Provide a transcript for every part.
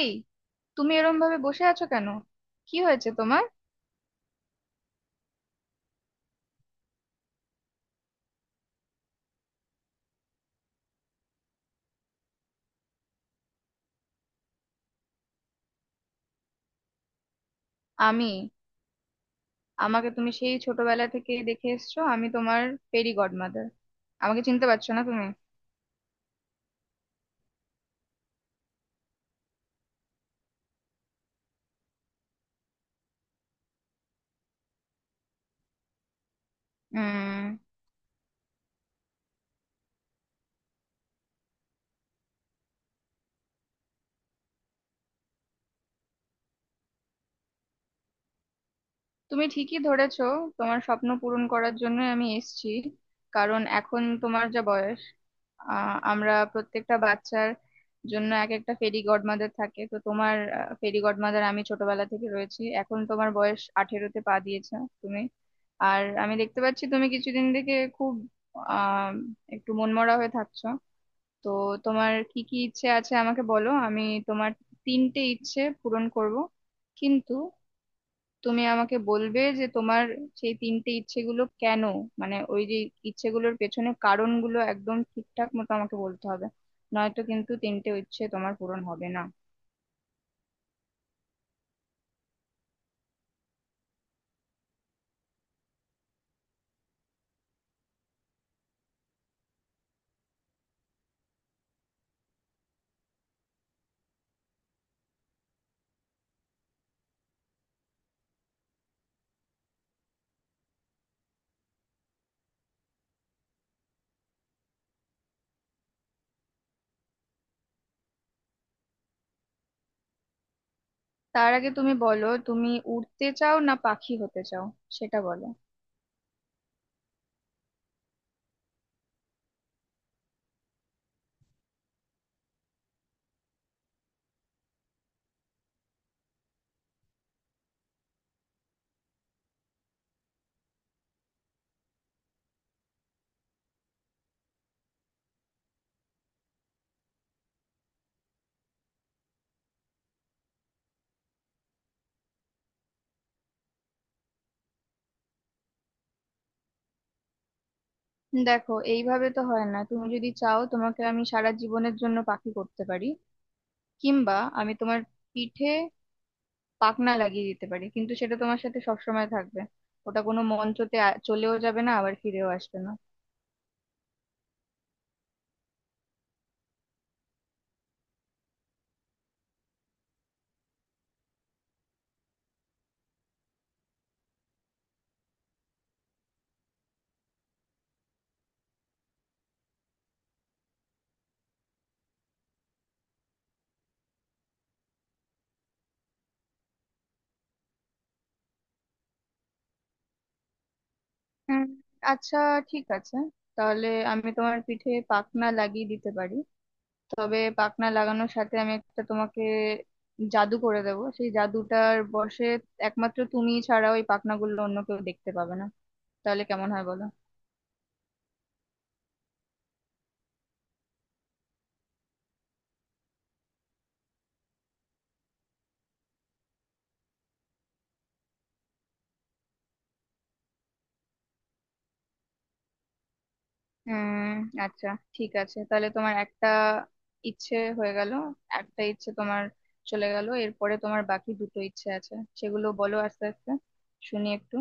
এই, তুমি এরম ভাবে বসে আছো কেন? কি হয়েছে তোমার? আমি আমাকে তুমি সেই ছোটবেলা থেকে দেখে এসছো। আমি তোমার ফেরি গডমাদার। আমাকে চিনতে পারছো না তুমি? উম তুমি ঠিকই ধরেছো। তোমার স্বপ্ন পূরণ করার জন্য আমি এসেছি। কারণ এখন তোমার যা বয়স, আমরা প্রত্যেকটা বাচ্চার জন্য এক একটা ফেরি গডমাদার থাকে। তো তোমার ফেরি গডমাদার আমি ছোটবেলা থেকে রয়েছি। এখন তোমার বয়স 18-তে পা দিয়েছে। তুমি, আর আমি দেখতে পাচ্ছি তুমি কিছুদিন থেকে খুব আহ একটু মনমরা হয়ে থাকছো। তো তোমার কি কি ইচ্ছে আছে আমাকে বলো। আমি তোমার তিনটে ইচ্ছে পূরণ করব। কিন্তু তুমি আমাকে বলবে যে তোমার সেই তিনটে ইচ্ছেগুলো কেন, মানে ওই যে ইচ্ছেগুলোর পেছনে কারণগুলো, একদম ঠিকঠাক মতো আমাকে বলতে হবে। নয়তো কিন্তু তিনটে ইচ্ছে তোমার পূরণ হবে না। তার আগে তুমি বলো, তুমি উড়তে চাও না পাখি হতে চাও, সেটা বলো। দেখো এইভাবে তো হয় না। তুমি যদি চাও তোমাকে আমি সারা জীবনের জন্য পাখি করতে পারি, কিংবা আমি তোমার পিঠে পাখনা লাগিয়ে দিতে পারি, কিন্তু সেটা তোমার সাথে সবসময় থাকবে। ওটা কোনো মঞ্চতে চলেও যাবে না, আবার ফিরেও আসবে না। হুম, আচ্ছা, ঠিক আছে। তাহলে আমি তোমার পিঠে পাখনা লাগিয়ে দিতে পারি। তবে পাখনা লাগানোর সাথে আমি একটা তোমাকে জাদু করে দেবো। সেই জাদুটার বশে একমাত্র তুমি ছাড়া ওই পাখনাগুলো অন্য কেউ দেখতে পাবে না। তাহলে কেমন হয় বলো? হুম, আচ্ছা, ঠিক আছে। তাহলে তোমার একটা ইচ্ছে হয়ে গেল। একটা ইচ্ছে তোমার চলে গেল। এরপরে তোমার বাকি দুটো ইচ্ছে আছে, সেগুলো বলো আস্তে আস্তে, শুনি একটু।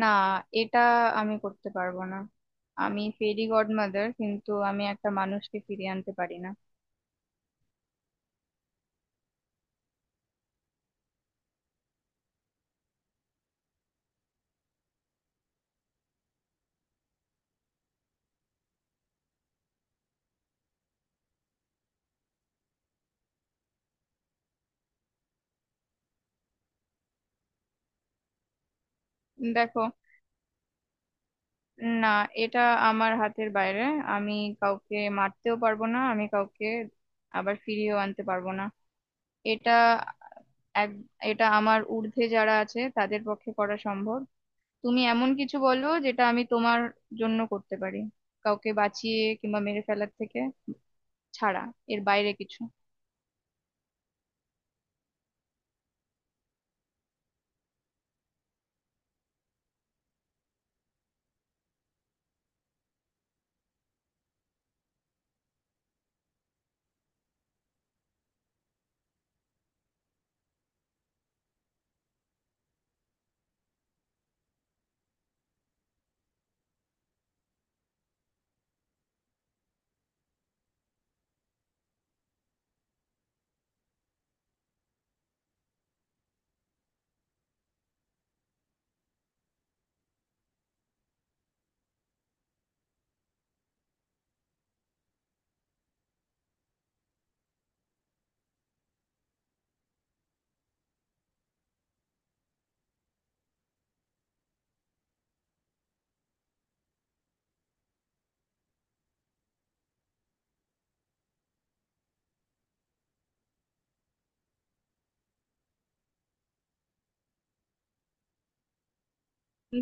না, এটা আমি করতে পারবো না। আমি ফেরি গডমাদার, কিন্তু আমি একটা মানুষকে ফিরিয়ে আনতে পারি না। দেখো, না, এটা আমার হাতের বাইরে। আমি কাউকে মারতেও পারবো না, আমি কাউকে আবার ফিরিয়েও আনতে পারবো না। এটা এক এটা আমার ঊর্ধ্বে, যারা আছে তাদের পক্ষে করা সম্ভব। তুমি এমন কিছু বলো যেটা আমি তোমার জন্য করতে পারি, কাউকে বাঁচিয়ে কিংবা মেরে ফেলার থেকে ছাড়া, এর বাইরে কিছু।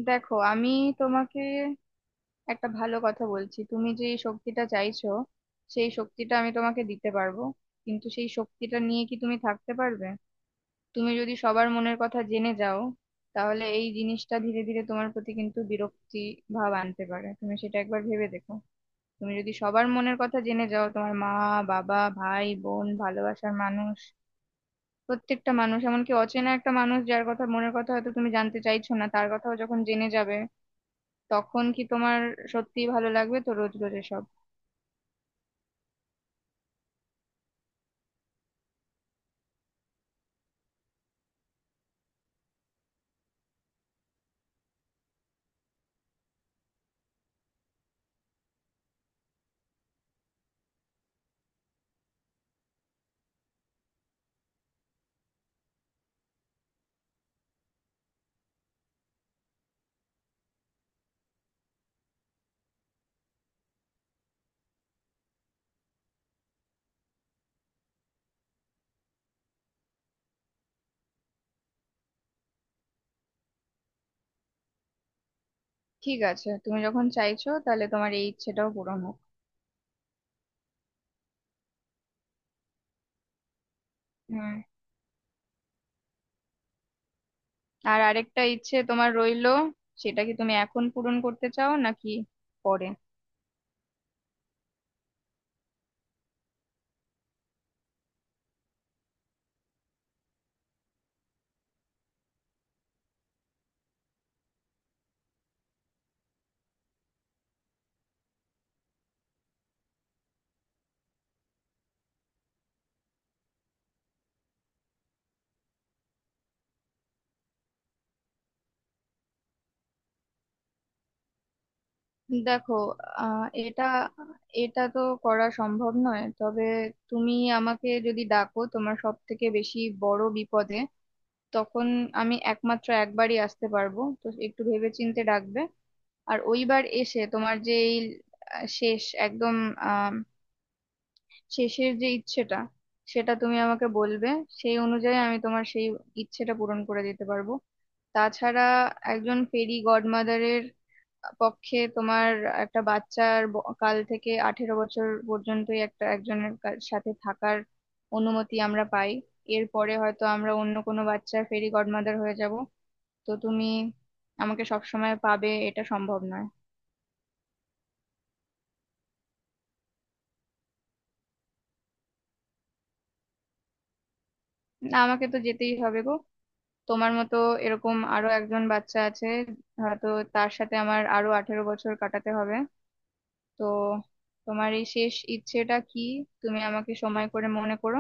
দেখো আমি তোমাকে একটা ভালো কথা বলছি, তুমি যে এই শক্তিটা চাইছো, সেই শক্তিটা আমি তোমাকে দিতে পারবো। কিন্তু সেই শক্তিটা নিয়ে কি তুমি থাকতে পারবে? তুমি যদি সবার মনের কথা জেনে যাও, তাহলে এই জিনিসটা ধীরে ধীরে তোমার প্রতি কিন্তু বিরক্তি ভাব আনতে পারে। তুমি সেটা একবার ভেবে দেখো। তুমি যদি সবার মনের কথা জেনে যাও, তোমার মা, বাবা, ভাই, বোন, ভালোবাসার মানুষ, প্রত্যেকটা মানুষ, এমনকি অচেনা একটা মানুষ যার কথা মনের কথা হয়তো তুমি জানতে চাইছো না, তার কথাও যখন জেনে যাবে, তখন কি তোমার সত্যিই ভালো লাগবে? তো রোজ রোজ এসব। ঠিক আছে, তুমি যখন চাইছো তাহলে তোমার এই ইচ্ছেটাও পূরণ হোক। হুম আর আরেকটা ইচ্ছে তোমার রইলো। সেটা কি তুমি এখন পূরণ করতে চাও নাকি পরে? দেখো, এটা এটা তো করা সম্ভব নয়। তবে তুমি আমাকে যদি ডাকো তোমার সব থেকে বেশি বড় বিপদে, তখন আমি একমাত্র একবারই আসতে পারবো, তো একটু ভেবেচিন্তে ডাকবে। আর ওইবার এসে তোমার যে এই শেষ, একদম শেষের যে ইচ্ছেটা, সেটা তুমি আমাকে বলবে। সেই অনুযায়ী আমি তোমার সেই ইচ্ছেটা পূরণ করে দিতে পারবো। তাছাড়া একজন ফেরি গডমাদারের পক্ষে তোমার একটা বাচ্চার কাল থেকে 18 বছর পর্যন্তই একটা একজনের সাথে থাকার অনুমতি আমরা পাই। এরপরে হয়তো আমরা অন্য কোনো বাচ্চার ফেরি গডমাদার হয়ে যাব। তো তুমি আমাকে সবসময় পাবে এটা সম্ভব নয়। না, আমাকে তো যেতেই হবে গো। তোমার মতো এরকম আরো একজন বাচ্চা আছে হয়তো, তার সাথে আমার আরো 18 বছর কাটাতে হবে। তো তোমার এই শেষ ইচ্ছেটা কি? তুমি আমাকে সময় করে মনে করো,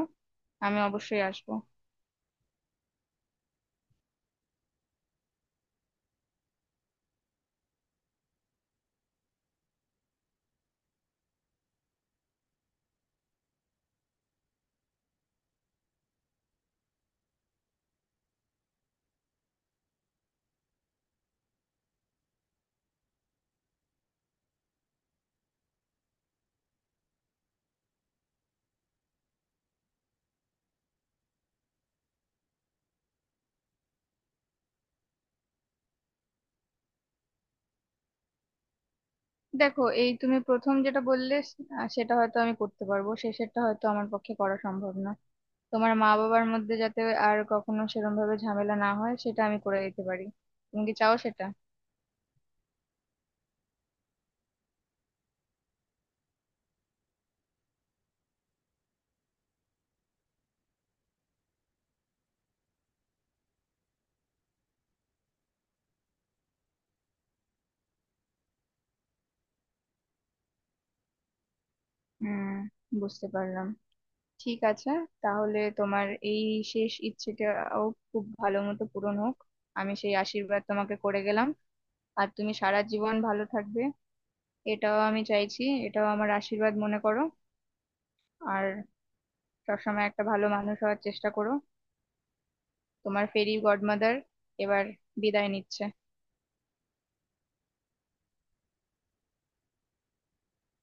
আমি অবশ্যই আসবো। দেখো এই, তুমি প্রথম যেটা বললে সেটা হয়তো আমি করতে পারবো, শেষেরটা হয়তো আমার পক্ষে করা সম্ভব না। তোমার মা বাবার মধ্যে যাতে আর কখনো সেরকম ভাবে ঝামেলা না হয়, সেটা আমি করে দিতে পারি। তুমি কি চাও সেটা? হুম বুঝতে পারলাম। ঠিক আছে, তাহলে তোমার এই শেষ ইচ্ছেটাও খুব ভালো মতো পূরণ হোক। আমি সেই আশীর্বাদ তোমাকে করে গেলাম। আর তুমি সারা জীবন ভালো থাকবে, এটাও আমি চাইছি, এটাও আমার আশীর্বাদ মনে করো। আর সবসময় একটা ভালো মানুষ হওয়ার চেষ্টা করো। তোমার ফেরি গডমাদার এবার বিদায় নিচ্ছে।